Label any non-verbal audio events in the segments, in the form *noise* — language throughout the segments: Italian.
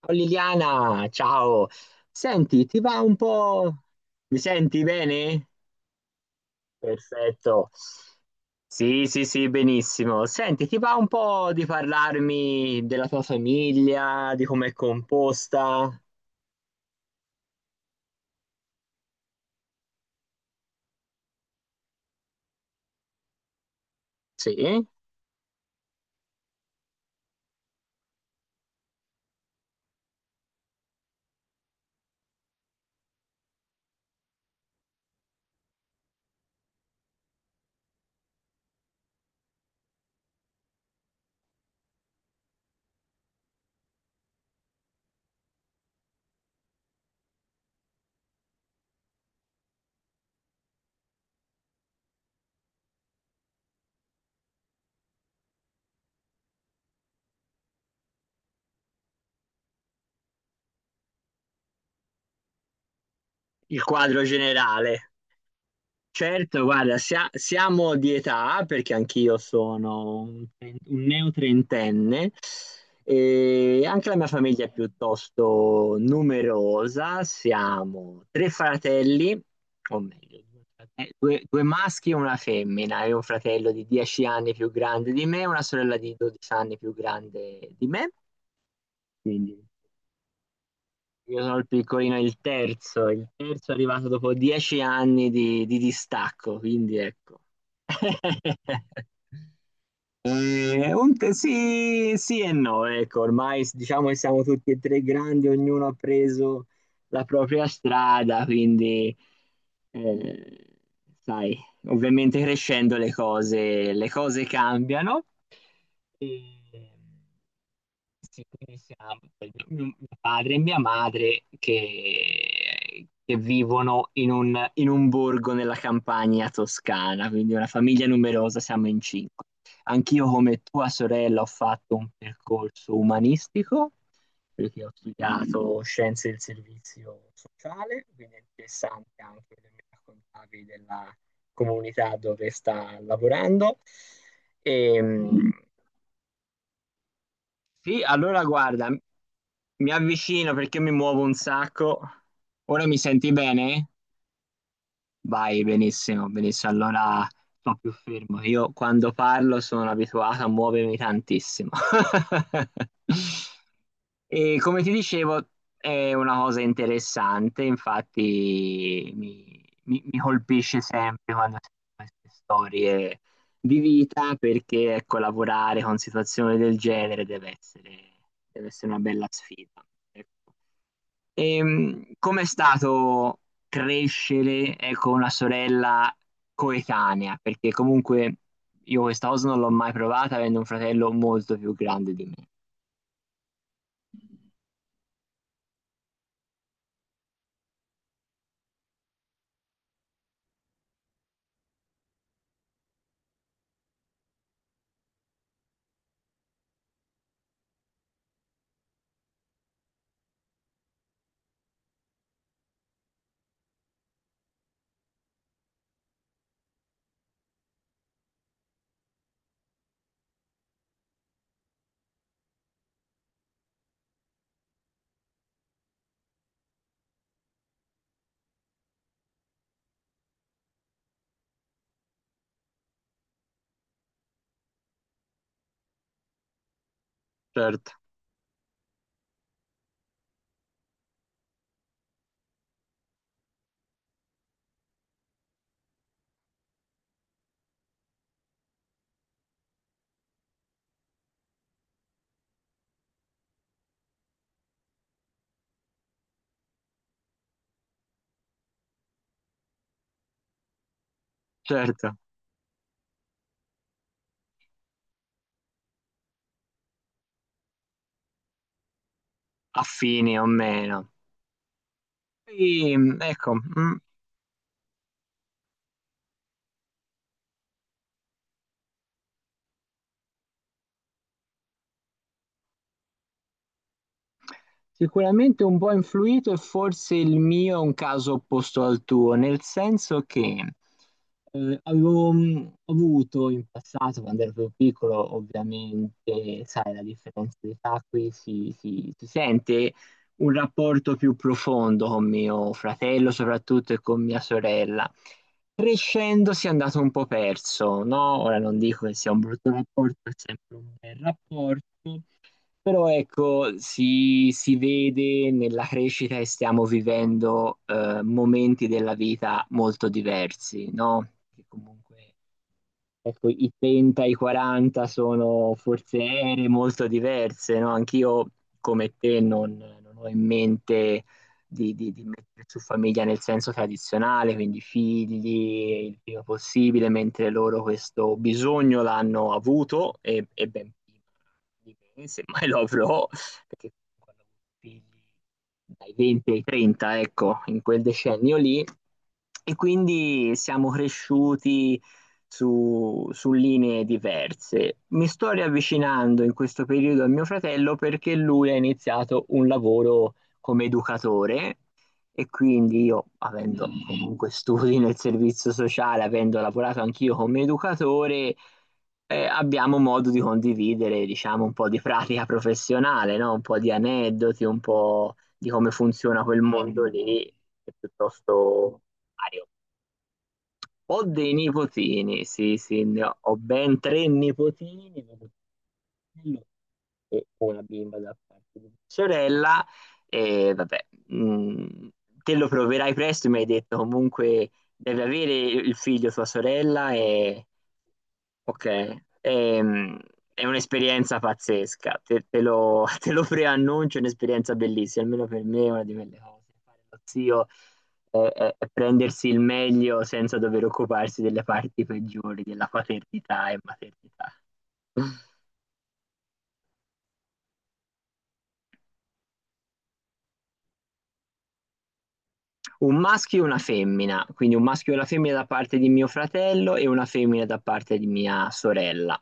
Ciao Liliana, ciao. Senti, ti va un po'? Mi senti bene? Perfetto. Sì, sì, sì, benissimo. Senti, ti va un po' di parlarmi della tua famiglia, di com'è composta? Sì, il quadro generale. Certo, guarda, siamo di età perché anch'io sono un neotrentenne e anche la mia famiglia è piuttosto numerosa. Siamo tre fratelli, o meglio, due maschi e una femmina. E un fratello di 10 anni più grande di me e una sorella di 12 anni più grande di me. Quindi io sono il piccolino, il terzo è arrivato dopo 10 anni di distacco, quindi ecco. *laughs* Un t Sì, sì e no, ecco, ormai s diciamo che siamo tutti e 3 grandi, ognuno ha preso la propria strada, quindi, ehm, sai, ovviamente crescendo le cose cambiano. Ehm, sì, quindi siamo mio padre e mia madre che vivono in un borgo nella campagna toscana, quindi una famiglia numerosa, siamo in 5. Anch'io come tua sorella ho fatto un percorso umanistico perché ho studiato scienze del servizio sociale, quindi è interessante anche che mi raccontavi della comunità dove sta lavorando. Ehm, sì, allora guarda, mi avvicino perché mi muovo un sacco. Ora mi senti bene? Vai, benissimo, benissimo. Allora sto più fermo. Io quando parlo sono abituato a muovermi tantissimo. *laughs* E come ti dicevo, è una cosa interessante, infatti mi colpisce sempre quando sento queste storie di vita, perché ecco, lavorare con situazioni del genere deve essere una bella sfida. Ecco. Com'è stato crescere, ecco, una sorella coetanea? Perché comunque io questa cosa non l'ho mai provata avendo un fratello molto più grande di me. Certo, certo, affini o meno. Ecco, mm. Sicuramente un po' influito e forse il mio è un caso opposto al tuo, nel senso che avevo avuto in passato, quando ero più piccolo, ovviamente, sai, la differenza di età qui si sente, un rapporto più profondo con mio fratello soprattutto e con mia sorella. Crescendo si è andato un po' perso, no? Ora non dico che sia un brutto rapporto, è sempre un bel rapporto, però ecco, si vede nella crescita che stiamo vivendo momenti della vita molto diversi, no? Che comunque Ecco, i 30 e i 40 sono forse ere molto diverse, no? Anch'io, come te, non ho in mente di mettere su famiglia nel senso tradizionale, quindi figli il prima possibile, mentre loro questo bisogno l'hanno avuto e ben prima di me, semmai lo avrò, perché quando ho avuto figli dai 20 ai 30, ecco, in quel decennio lì, e quindi siamo cresciuti su linee diverse. Mi sto riavvicinando in questo periodo a mio fratello perché lui ha iniziato un lavoro come educatore e quindi io, avendo comunque studi nel servizio sociale, avendo lavorato anch'io come educatore, abbiamo modo di condividere, diciamo, un po' di pratica professionale, no? Un po' di aneddoti, un po' di come funziona quel mondo lì, che è piuttosto vario. Ho dei nipotini, sì, sì, ho ben tre nipotini, vedo fratello e una bimba da parte di mia sorella, e vabbè, mh, te lo proverai presto, mi hai detto comunque devi avere il figlio tua sorella e. Ok, ehm, è un'esperienza pazzesca, *laughs* te lo preannuncio, è un'esperienza bellissima, almeno per me è una di quelle cose. Fare lo zio è prendersi il meglio senza dover occuparsi delle parti peggiori, della paternità e maternità. Un maschio e una femmina, quindi un maschio e una femmina da parte di mio fratello e una femmina da parte di mia sorella.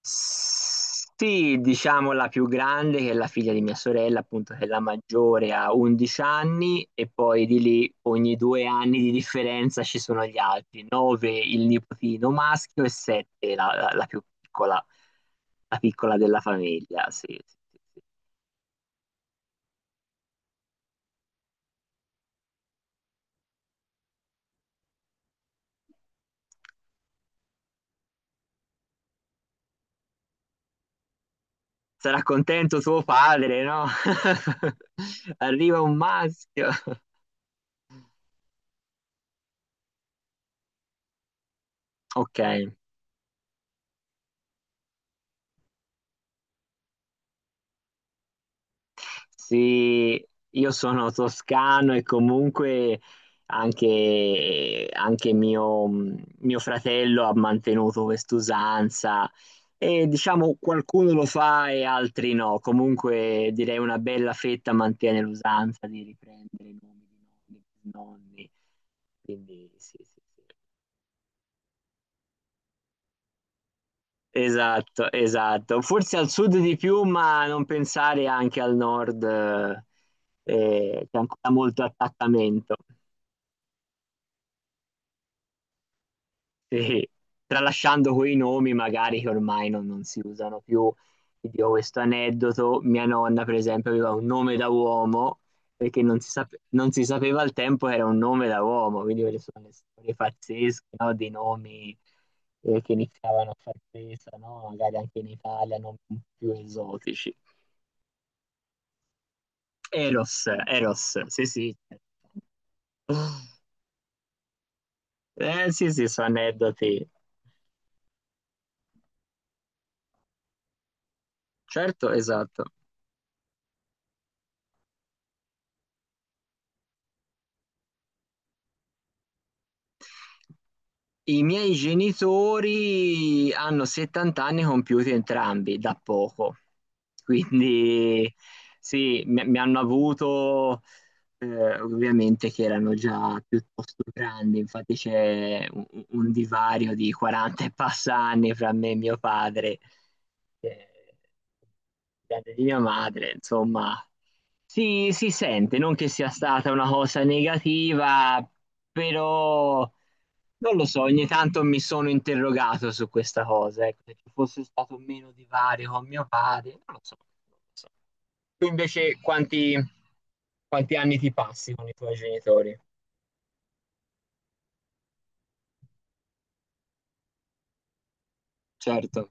Sì, diciamo la più grande, che è la figlia di mia sorella, appunto, che è la maggiore, ha 11 anni e poi di lì ogni 2 anni di differenza ci sono gli altri, 9 il nipotino maschio e 7 la più piccola, la piccola della famiglia. Sì, sì, sì, sì. Sarà contento tuo padre, no? *laughs* Arriva un maschio. Ok. Sì, io sono toscano e comunque anche mio fratello ha mantenuto quest'usanza e diciamo qualcuno lo fa e altri no. Comunque direi una bella fetta mantiene l'usanza di riprendere i nomi di nonni. Quindi sì, sì, sì. Esatto, esatto. Forse al sud di più, ma non pensare anche al nord, c'è ancora molto attaccamento. Sì. Tralasciando quei nomi, magari che ormai non si usano più. Ti dico questo aneddoto: mia nonna, per esempio, aveva un nome da uomo perché non si sapeva al tempo che era un nome da uomo. Quindi, quelle sono le storie pazzesche, no? Di nomi che iniziavano a far presa, no? Magari anche in Italia, non più esotici. Eros, Eros, sì, sì. Sì, sì, sono aneddoti. Certo, esatto. I miei genitori hanno 70 anni compiuti entrambi da poco, quindi sì, mi hanno avuto ovviamente che erano già piuttosto grandi, infatti c'è un divario di 40 e passa anni fra me e mio padre, eh, grande di mia madre, insomma. Si sente, non che sia stata una cosa negativa, però non lo so, ogni tanto mi sono interrogato su questa cosa, ecco, se ci fosse stato meno divario con mio padre, non lo so. Non lo so. Tu invece quanti, anni ti passi con i tuoi genitori? Certo.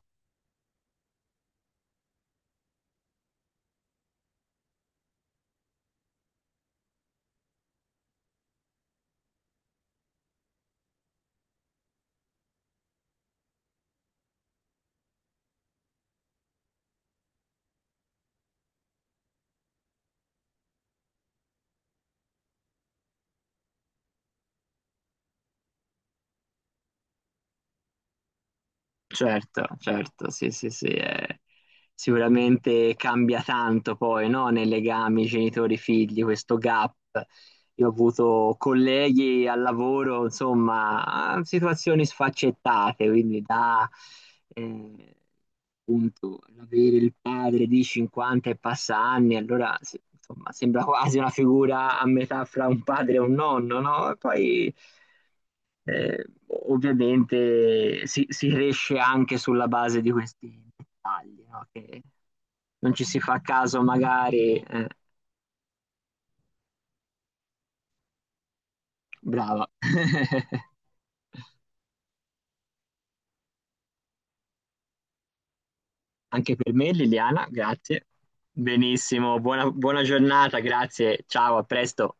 Certo, certo, sì, sì, sì, sicuramente cambia tanto poi, no? Nei legami genitori-figli, questo gap. Io ho avuto colleghi al lavoro, insomma, situazioni sfaccettate, quindi da eh, appunto avere il padre di 50 e passa anni, allora sì, insomma, sembra quasi una figura a metà fra un padre e un nonno, no? E poi eh, ovviamente si riesce anche sulla base di questi dettagli, no? Che non ci si fa caso magari. Brava. *laughs* Anche per me, Liliana, grazie. Benissimo, buona buona giornata, grazie. Ciao, a presto.